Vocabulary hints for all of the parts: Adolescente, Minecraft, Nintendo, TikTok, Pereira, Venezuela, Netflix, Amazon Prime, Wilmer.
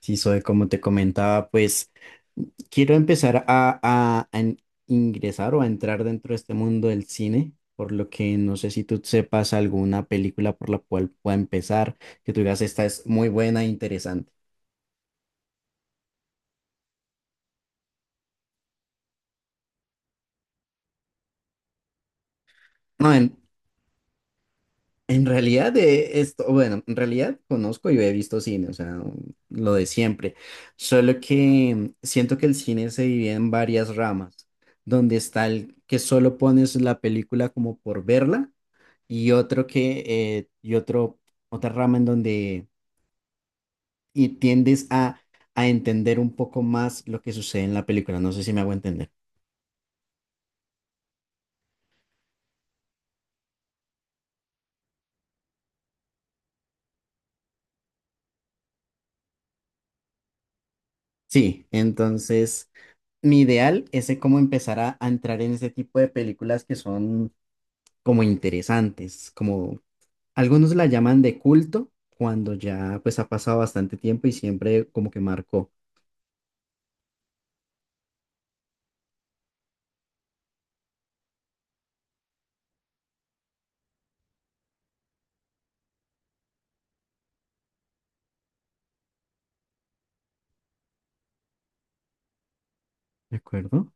Sí, soy como te comentaba, pues quiero empezar a ingresar o a entrar dentro de este mundo del cine, por lo que no sé si tú sepas alguna película por la cual pueda empezar, que tú digas, esta es muy buena e interesante. No, en realidad de esto, bueno, en realidad conozco y he visto cine, o sea, lo de siempre, solo que siento que el cine se divide en varias ramas, donde está el que solo pones la película como por verla. Y otro que, otra rama en donde y tiendes a entender un poco más lo que sucede en la película. No sé si me hago entender. Sí, entonces mi ideal es de cómo empezar a entrar en ese tipo de películas que son como interesantes, como algunos la llaman de culto, cuando ya pues ha pasado bastante tiempo y siempre como que marcó, ¿de acuerdo?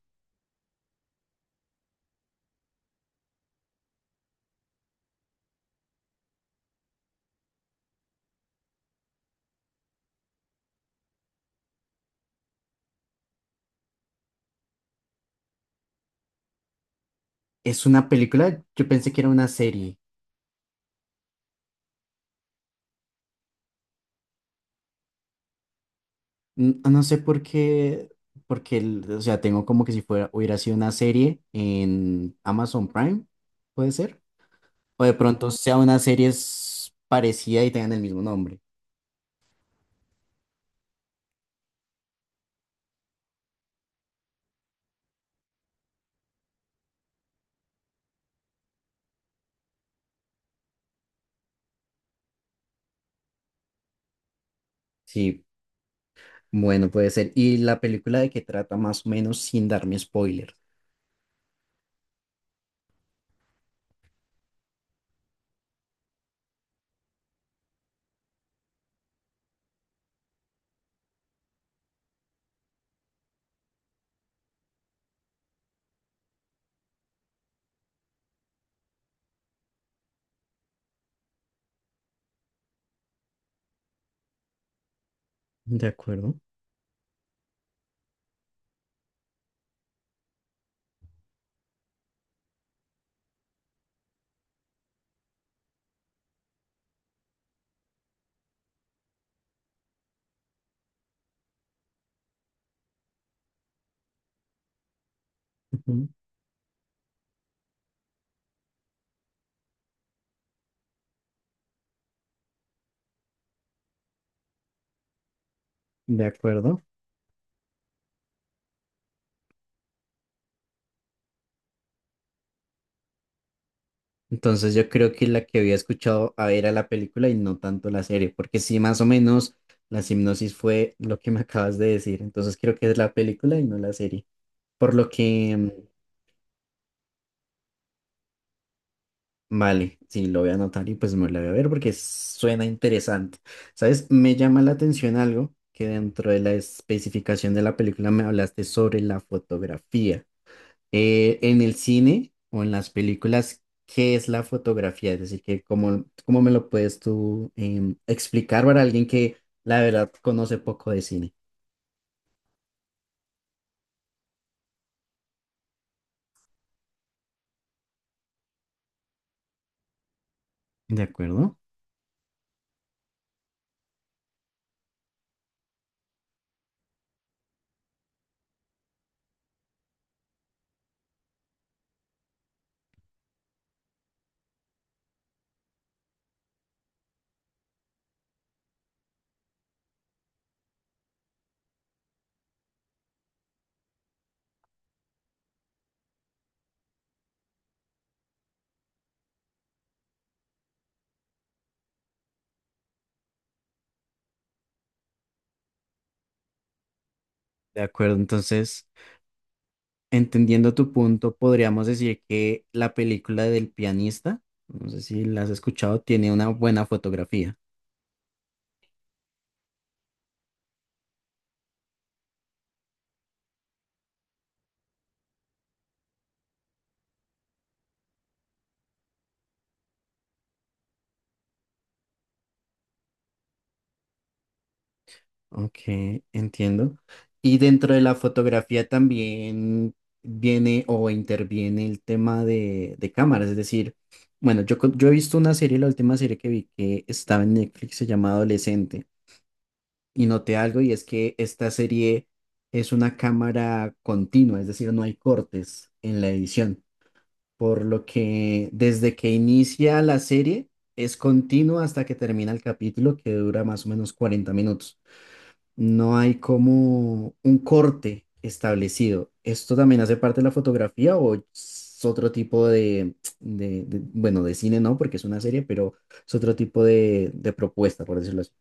Es una película, yo pensé que era una serie. No sé por qué, o sea, tengo como que si fuera, hubiera sido una serie en Amazon Prime, puede ser. O de pronto sea parecida y tengan el mismo nombre. Sí, bueno, puede ser. ¿Y la película de qué trata más o menos sin darme spoiler? De acuerdo. Ujú. De acuerdo. Entonces yo creo que la que había escuchado a ver a la película y no tanto la serie, porque sí, más o menos la hipnosis fue lo que me acabas de decir. Entonces creo que es la película y no la serie. Por lo que, vale, sí, lo voy a anotar y pues me lo voy a ver porque suena interesante. ¿Sabes? Me llama la atención algo que dentro de la especificación de la película me hablaste sobre la fotografía. En el cine o en las películas, ¿qué es la fotografía? Es decir, que cómo, cómo me lo puedes tú explicar para alguien que la verdad conoce poco de cine. ¿De acuerdo? De acuerdo, entonces, entendiendo tu punto, podríamos decir que la película del pianista, no sé si la has escuchado, tiene una buena fotografía. Ok, entiendo. Y dentro de la fotografía también viene o interviene el tema de cámaras. Es decir, bueno, yo he visto una serie, la última serie que vi que estaba en Netflix se llama Adolescente. Y noté algo y es que esta serie es una cámara continua, es decir, no hay cortes en la edición, por lo que desde que inicia la serie es continua hasta que termina el capítulo, que dura más o menos 40 minutos. No hay como un corte establecido. ¿Esto también hace parte de la fotografía o es otro tipo de, bueno, de cine no, porque es una serie, pero es otro tipo de propuesta, por decirlo así?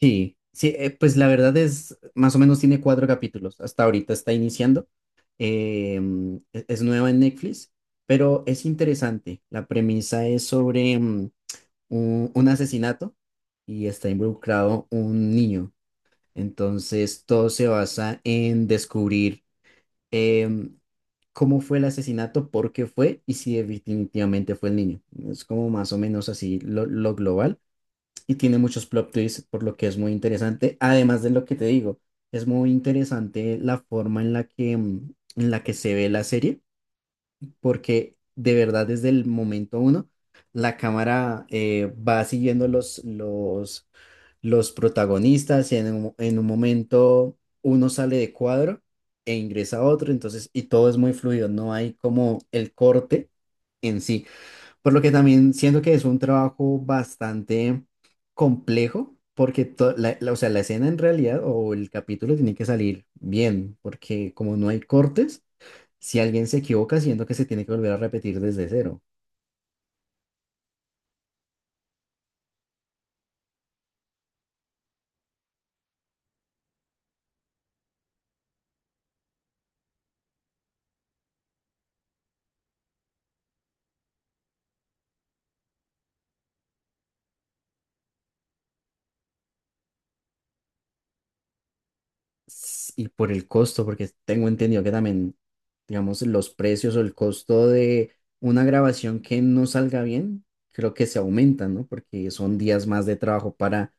Sí, sí, pues la verdad es, más o menos tiene cuatro capítulos, hasta ahorita está iniciando, es nueva en Netflix, pero es interesante, la premisa es sobre un asesinato y está involucrado un niño, entonces todo se basa en descubrir em, cómo fue el asesinato, por qué fue y si definitivamente fue el niño, es como más o menos así lo global y tiene muchos plot twists, por lo que es muy interesante. Además de lo que te digo, es muy interesante la forma en la que, en la que se ve la serie, porque de verdad desde el momento uno, la cámara va siguiendo los protagonistas y en en un momento uno sale de cuadro e ingresa a otro, entonces, y todo es muy fluido, no hay como el corte en sí. Por lo que también siento que es un trabajo bastante complejo, porque o sea, la escena en realidad o el capítulo tiene que salir bien, porque como no hay cortes, si alguien se equivoca, siento que se tiene que volver a repetir desde cero. Y por el costo, porque tengo entendido que también, digamos, los precios o el costo de una grabación que no salga bien, creo que se aumentan, ¿no? Porque son días más de trabajo para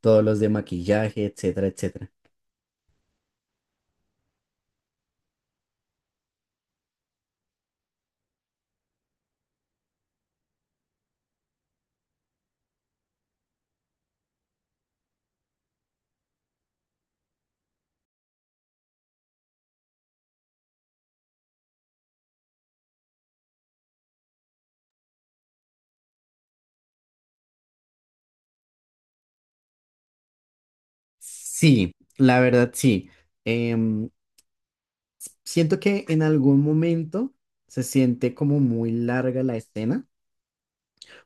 todos los de maquillaje, etcétera, etcétera. Sí, la verdad sí. Em, siento que en algún momento se siente como muy larga la escena,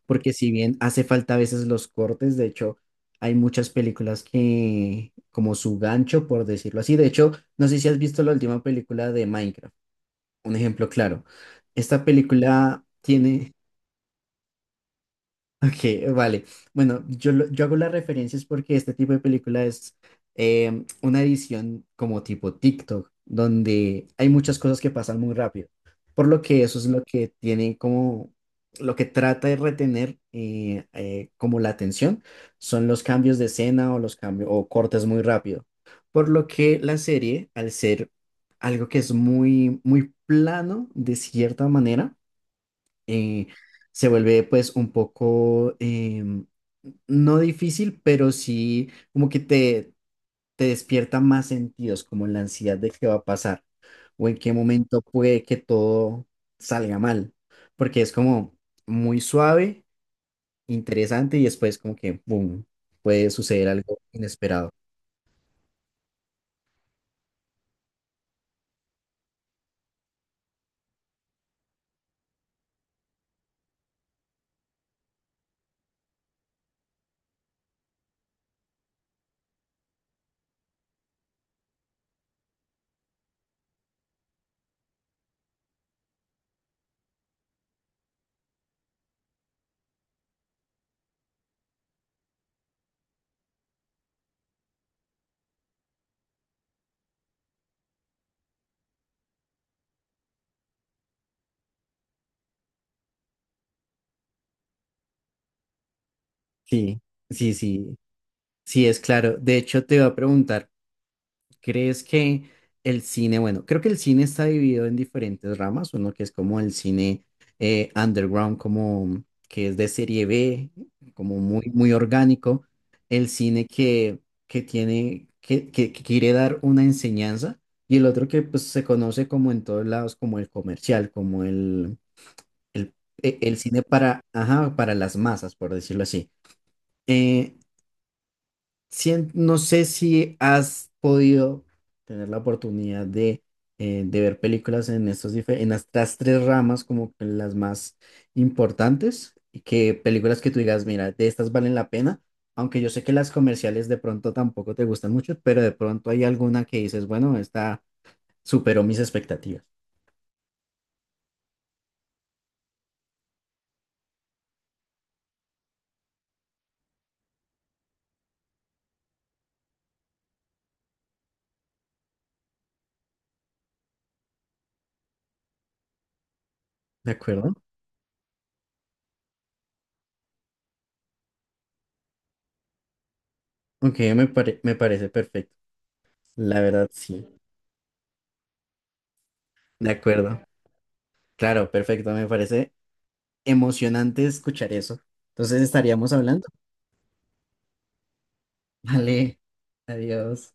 porque si bien hace falta a veces los cortes, de hecho, hay muchas películas que, como su gancho, por decirlo así. De hecho, no sé si has visto la última película de Minecraft. Un ejemplo claro. Esta película tiene, Ok, vale. Bueno, yo hago las referencias porque este tipo de película es una edición como tipo TikTok, donde hay muchas cosas que pasan muy rápido. Por lo que eso es lo que tiene como, lo que trata de retener como la atención, son los cambios de escena o los cambios o cortes muy rápido. Por lo que la serie, al ser algo que es muy, muy plano de cierta manera, eh, se vuelve pues un poco, em, no difícil, pero sí como que te despierta más sentidos, como la ansiedad de qué va a pasar o en qué momento puede que todo salga mal, porque es como muy suave, interesante y después como que, boom, puede suceder algo inesperado. Sí, sí, sí, sí, es claro. De hecho, te iba a preguntar. ¿Crees que el cine, bueno, creo que el cine está dividido en diferentes ramas, uno que es como el cine underground, como que es de serie B, como muy, muy orgánico, el cine que, que quiere dar una enseñanza, y el otro que pues se conoce como en todos lados, como el comercial, como el, el cine para, ajá, para las masas, por decirlo así. Eh, no sé si has podido tener la oportunidad de ver películas en en estas tres ramas como que las más importantes y que películas que tú digas, mira, de estas valen la pena, aunque yo sé que las comerciales de pronto tampoco te gustan mucho, pero de pronto hay alguna que dices, bueno, esta superó mis expectativas, ¿de acuerdo? Ok, me parece perfecto, la verdad sí, de acuerdo. Claro, perfecto, me parece emocionante escuchar eso. Entonces estaríamos hablando. Vale, adiós.